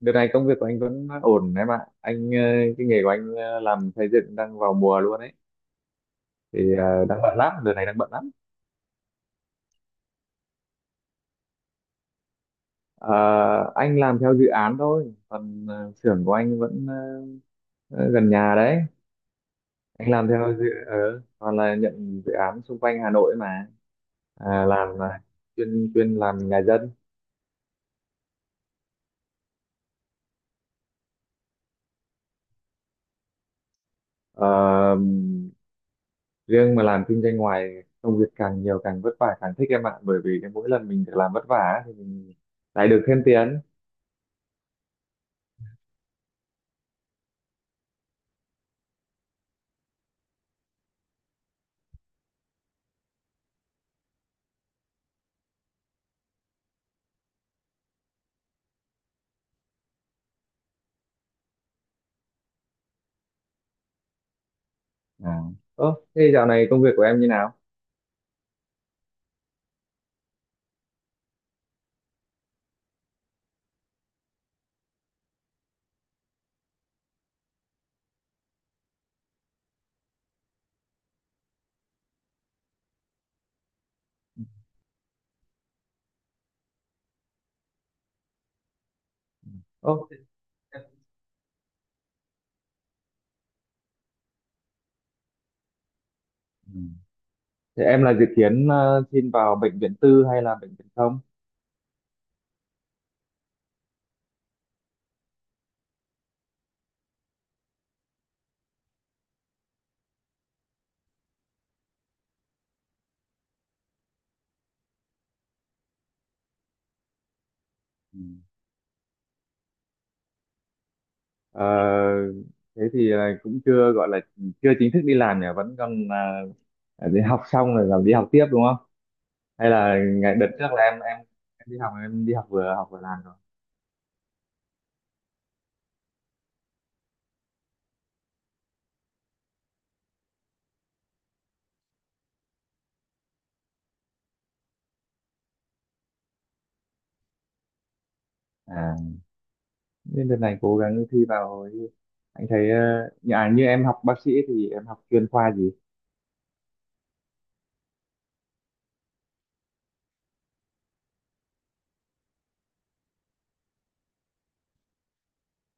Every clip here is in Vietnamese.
Đợt này công việc của anh vẫn ổn em ạ. Anh cái nghề của anh làm xây dựng đang vào mùa luôn ấy. Thì đang bận lắm, đợt này đang bận lắm. Ờ, anh làm theo dự án thôi, còn xưởng của anh vẫn gần nhà đấy. Anh làm theo toàn là nhận dự án xung quanh Hà Nội mà. À, chuyên chuyên làm nhà dân. Ờ, Riêng mà làm kinh doanh ngoài công việc càng nhiều càng vất vả càng thích em ạ, bởi vì cái mỗi lần mình được làm vất vả thì mình lại được thêm tiền. À. Ơ, thế dạo này công việc của em như nào? Ơ. Ừ. Thế em là dự kiến xin vào bệnh viện tư hay là bệnh viện công? Ừ. Ờ, Thế thì là cũng chưa gọi là chưa chính thức đi làm nhỉ, vẫn còn đi học xong rồi làm đi học tiếp đúng không? Hay là ngày đợt trước là em đi học vừa làm rồi. À, nên đợt này cố gắng thi vào, anh thấy như em học bác sĩ thì em học chuyên khoa gì?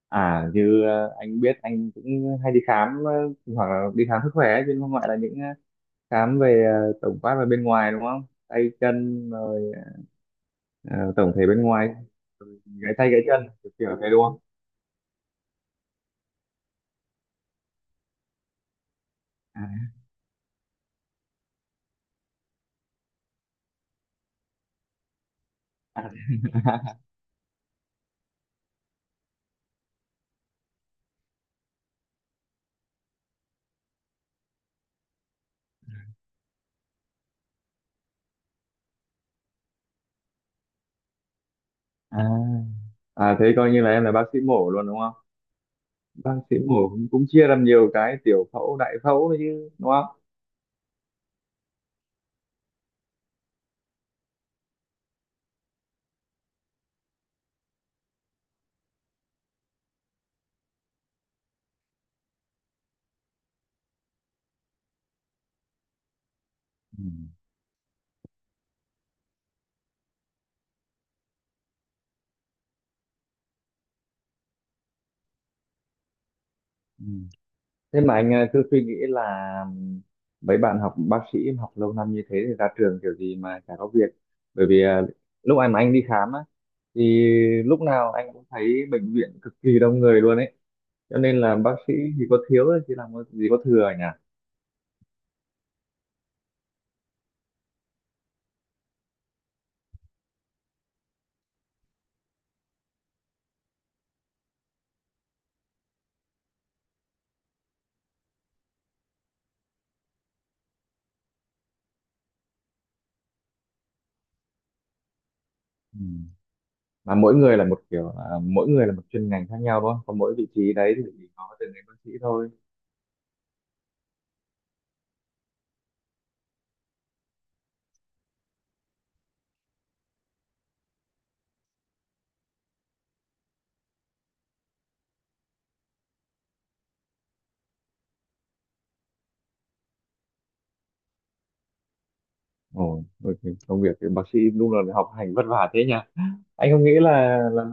À, anh biết anh cũng hay đi khám, hoặc là đi khám sức khỏe ấy, chứ không phải là những khám về tổng quát về bên ngoài đúng không? Tay chân rồi ờ, tổng thể bên ngoài, rồi gãy tay gãy chân kiểu kiểu thế đúng không? À, à, à, à, thế coi như là em là bác sĩ mổ luôn đúng không? Bác sĩ mổ cũng cũng chia làm nhiều cái tiểu phẫu đại phẫu đấy chứ đúng không? Ừ. Ừ. Thế mà anh cứ suy nghĩ là mấy bạn học bác sĩ học lâu năm như thế thì ra trường kiểu gì mà chả có việc. Bởi vì lúc anh mà anh đi khám á, thì lúc nào anh cũng thấy bệnh viện cực kỳ đông người luôn ấy. Cho nên là bác sĩ thì có thiếu thì gì có thừa nhỉ? Ừ. Mà mỗi người là một kiểu, à, mỗi người là một chuyên ngành khác nhau đúng không? Còn mỗi vị trí đấy thì chỉ có từng người bác sĩ thôi. Ồ, ok. Công việc thì bác sĩ đúng là học hành vất vả thế nhỉ? Anh không nghĩ là là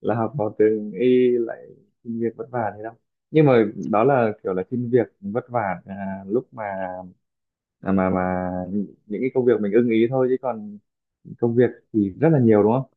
là học vào trường y lại xin việc vất vả thế đâu, nhưng mà đó là kiểu là xin việc vất vả, lúc mà, mà những cái công việc mình ưng ý thôi, chứ còn công việc thì rất là nhiều đúng không?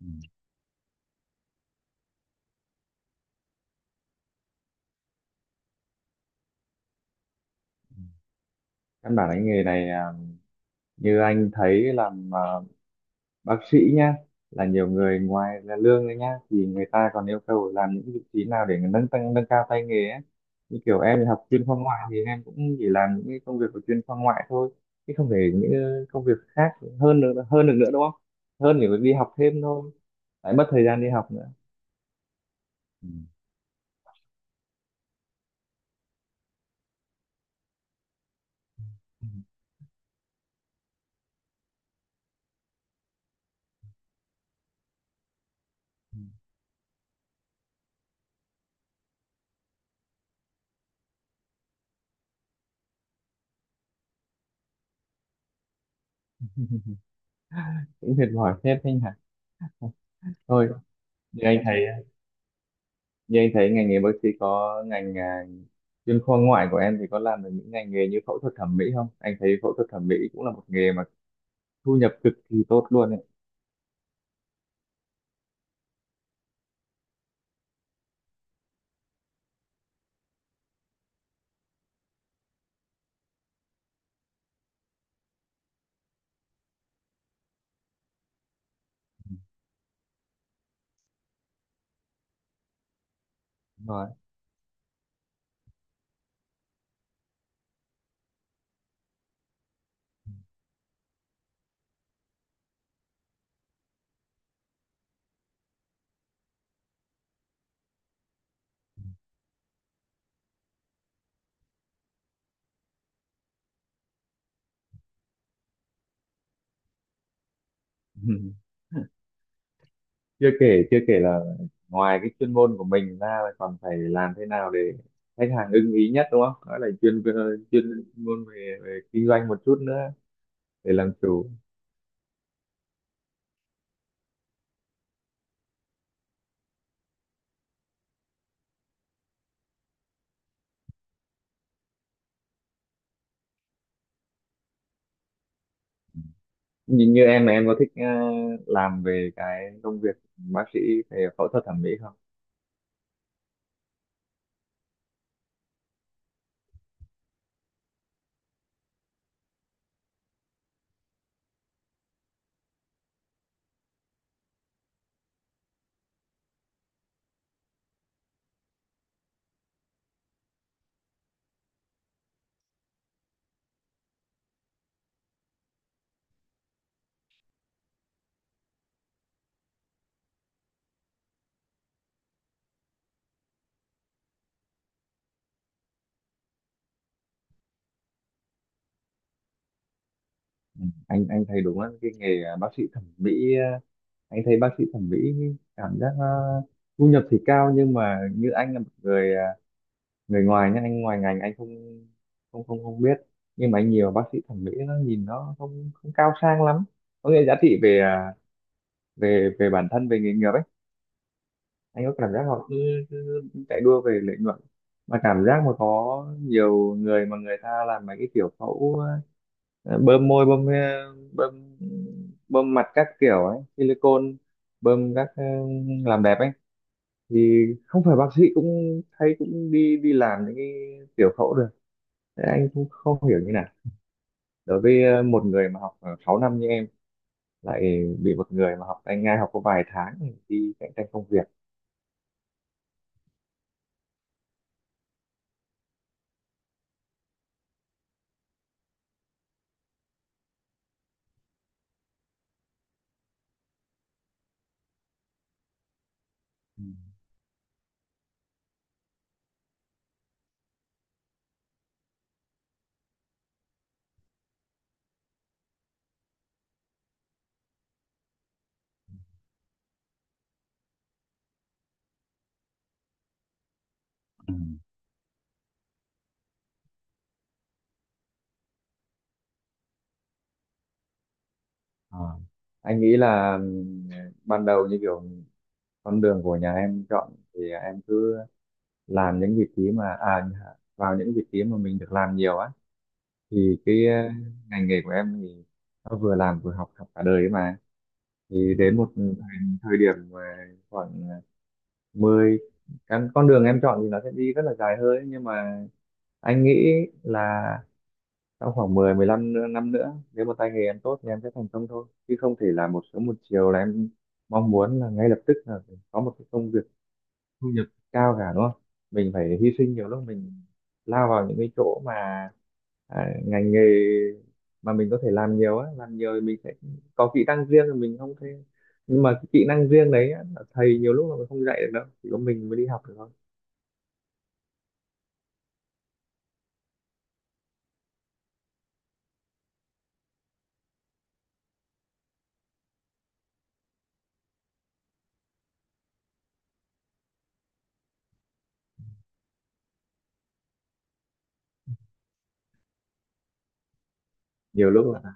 Ừ. Căn bản là cái nghề này, như anh thấy làm, bác sĩ nhá, là nhiều người ngoài là lương đấy nhá thì người ta còn yêu cầu làm những vị trí nào để nâng tăng nâng cao tay nghề ấy. Như kiểu em thì học chuyên khoa ngoại thì em cũng chỉ làm những cái công việc của chuyên khoa ngoại thôi, chứ không thể những công việc khác hơn được nữa đúng không? Hơn thì phải đi học thêm thôi, lại mất thời gian đi học nữa. Ừ. Cũng mệt mỏi hết anh hả? Thôi, thì anh thấy, như anh thấy ngành nghề bác sĩ có chuyên khoa ngoại của em thì có làm được những ngành nghề như phẫu thuật thẩm mỹ không? Anh thấy phẫu thuật thẩm mỹ cũng là một nghề mà thu nhập cực kỳ tốt luôn ấy. Đúng rồi. Chưa kể là ngoài cái chuyên môn của mình ra là còn phải làm thế nào để khách hàng ưng ý nhất đúng không? Đó là chuyên môn về kinh doanh một chút nữa, để làm chủ. Như em có thích, làm về cái công việc bác sĩ về phẫu thuật thẩm mỹ không? Ừ, anh thấy đúng á, cái nghề, bác sĩ thẩm mỹ, à, anh thấy bác sĩ thẩm mỹ cảm giác, thu nhập thì cao, nhưng mà như anh là một người, người ngoài nhá, anh ngoài ngành, anh không không không không biết. Nhưng mà anh nhiều bác sĩ thẩm mỹ nó nhìn nó không không cao sang lắm, có nghĩa giá trị về, về bản thân, về nghề nghiệp ấy. Anh có cảm giác họ cứ chạy đua về lợi nhuận, mà cảm giác mà có nhiều người mà người ta làm mấy cái kiểu bơm môi, bơm bơm mặt các kiểu ấy silicone, bơm các làm đẹp ấy, thì không phải bác sĩ cũng thấy cũng đi đi làm những cái tiểu phẫu được. Thế anh cũng không hiểu như nào, đối với một người mà học 6 năm như em lại bị một người mà học, anh ngay, học có vài tháng thì đi cạnh tranh công việc. Ừ. Ừ. Ờ, anh nghĩ là, ban đầu như kiểu con đường của nhà em chọn thì em cứ làm những vị trí vào những vị trí mà mình được làm nhiều á. Thì cái ngành nghề của em thì nó vừa làm vừa học học cả đời ấy mà. Thì đến thời điểm mà khoảng ờ, 10 cái con đường em chọn thì nó sẽ đi rất là dài hơi, nhưng mà anh nghĩ là sau khoảng 15 năm nữa, nếu mà tay nghề em tốt thì em sẽ thành công thôi, chứ không thể là một sớm một chiều là em mong muốn là ngay lập tức là có một cái công việc thu nhập cao cả đúng không? Mình phải hy sinh, nhiều lúc mình lao vào những cái chỗ mà, ngành nghề mà mình có thể làm nhiều á, làm nhiều thì mình sẽ có kỹ năng riêng thì mình không thể. Nhưng mà cái kỹ năng riêng đấy á, là thầy nhiều lúc là mình không dạy được đâu, chỉ có mình mới đi học được thôi. Nhiều lúc là.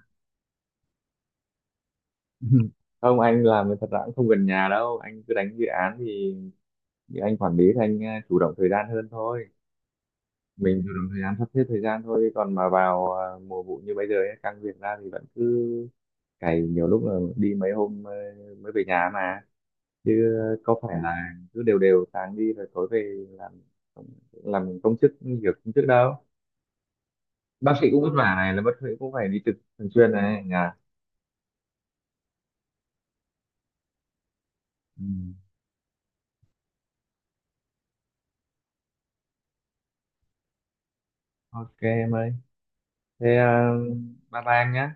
Không, anh làm thì thật ra cũng không gần nhà đâu, anh cứ đánh dự án thì anh quản lý thì anh chủ động thời gian hơn thôi. Mình chủ động thời gian, sắp xếp thời gian thôi, còn mà vào mùa vụ như bây giờ ấy, căng việc ra thì vẫn cứ cày, nhiều lúc là đi mấy hôm mới về nhà mà, chứ có phải là cứ đều đều sáng đi rồi tối về làm công chức như kiểu công chức đâu. Bác sĩ cũng vất vả này, là bác sĩ cũng phải đi trực thường xuyên này nhà. Ừ. Ok em ơi. Thế bye bye em nhé.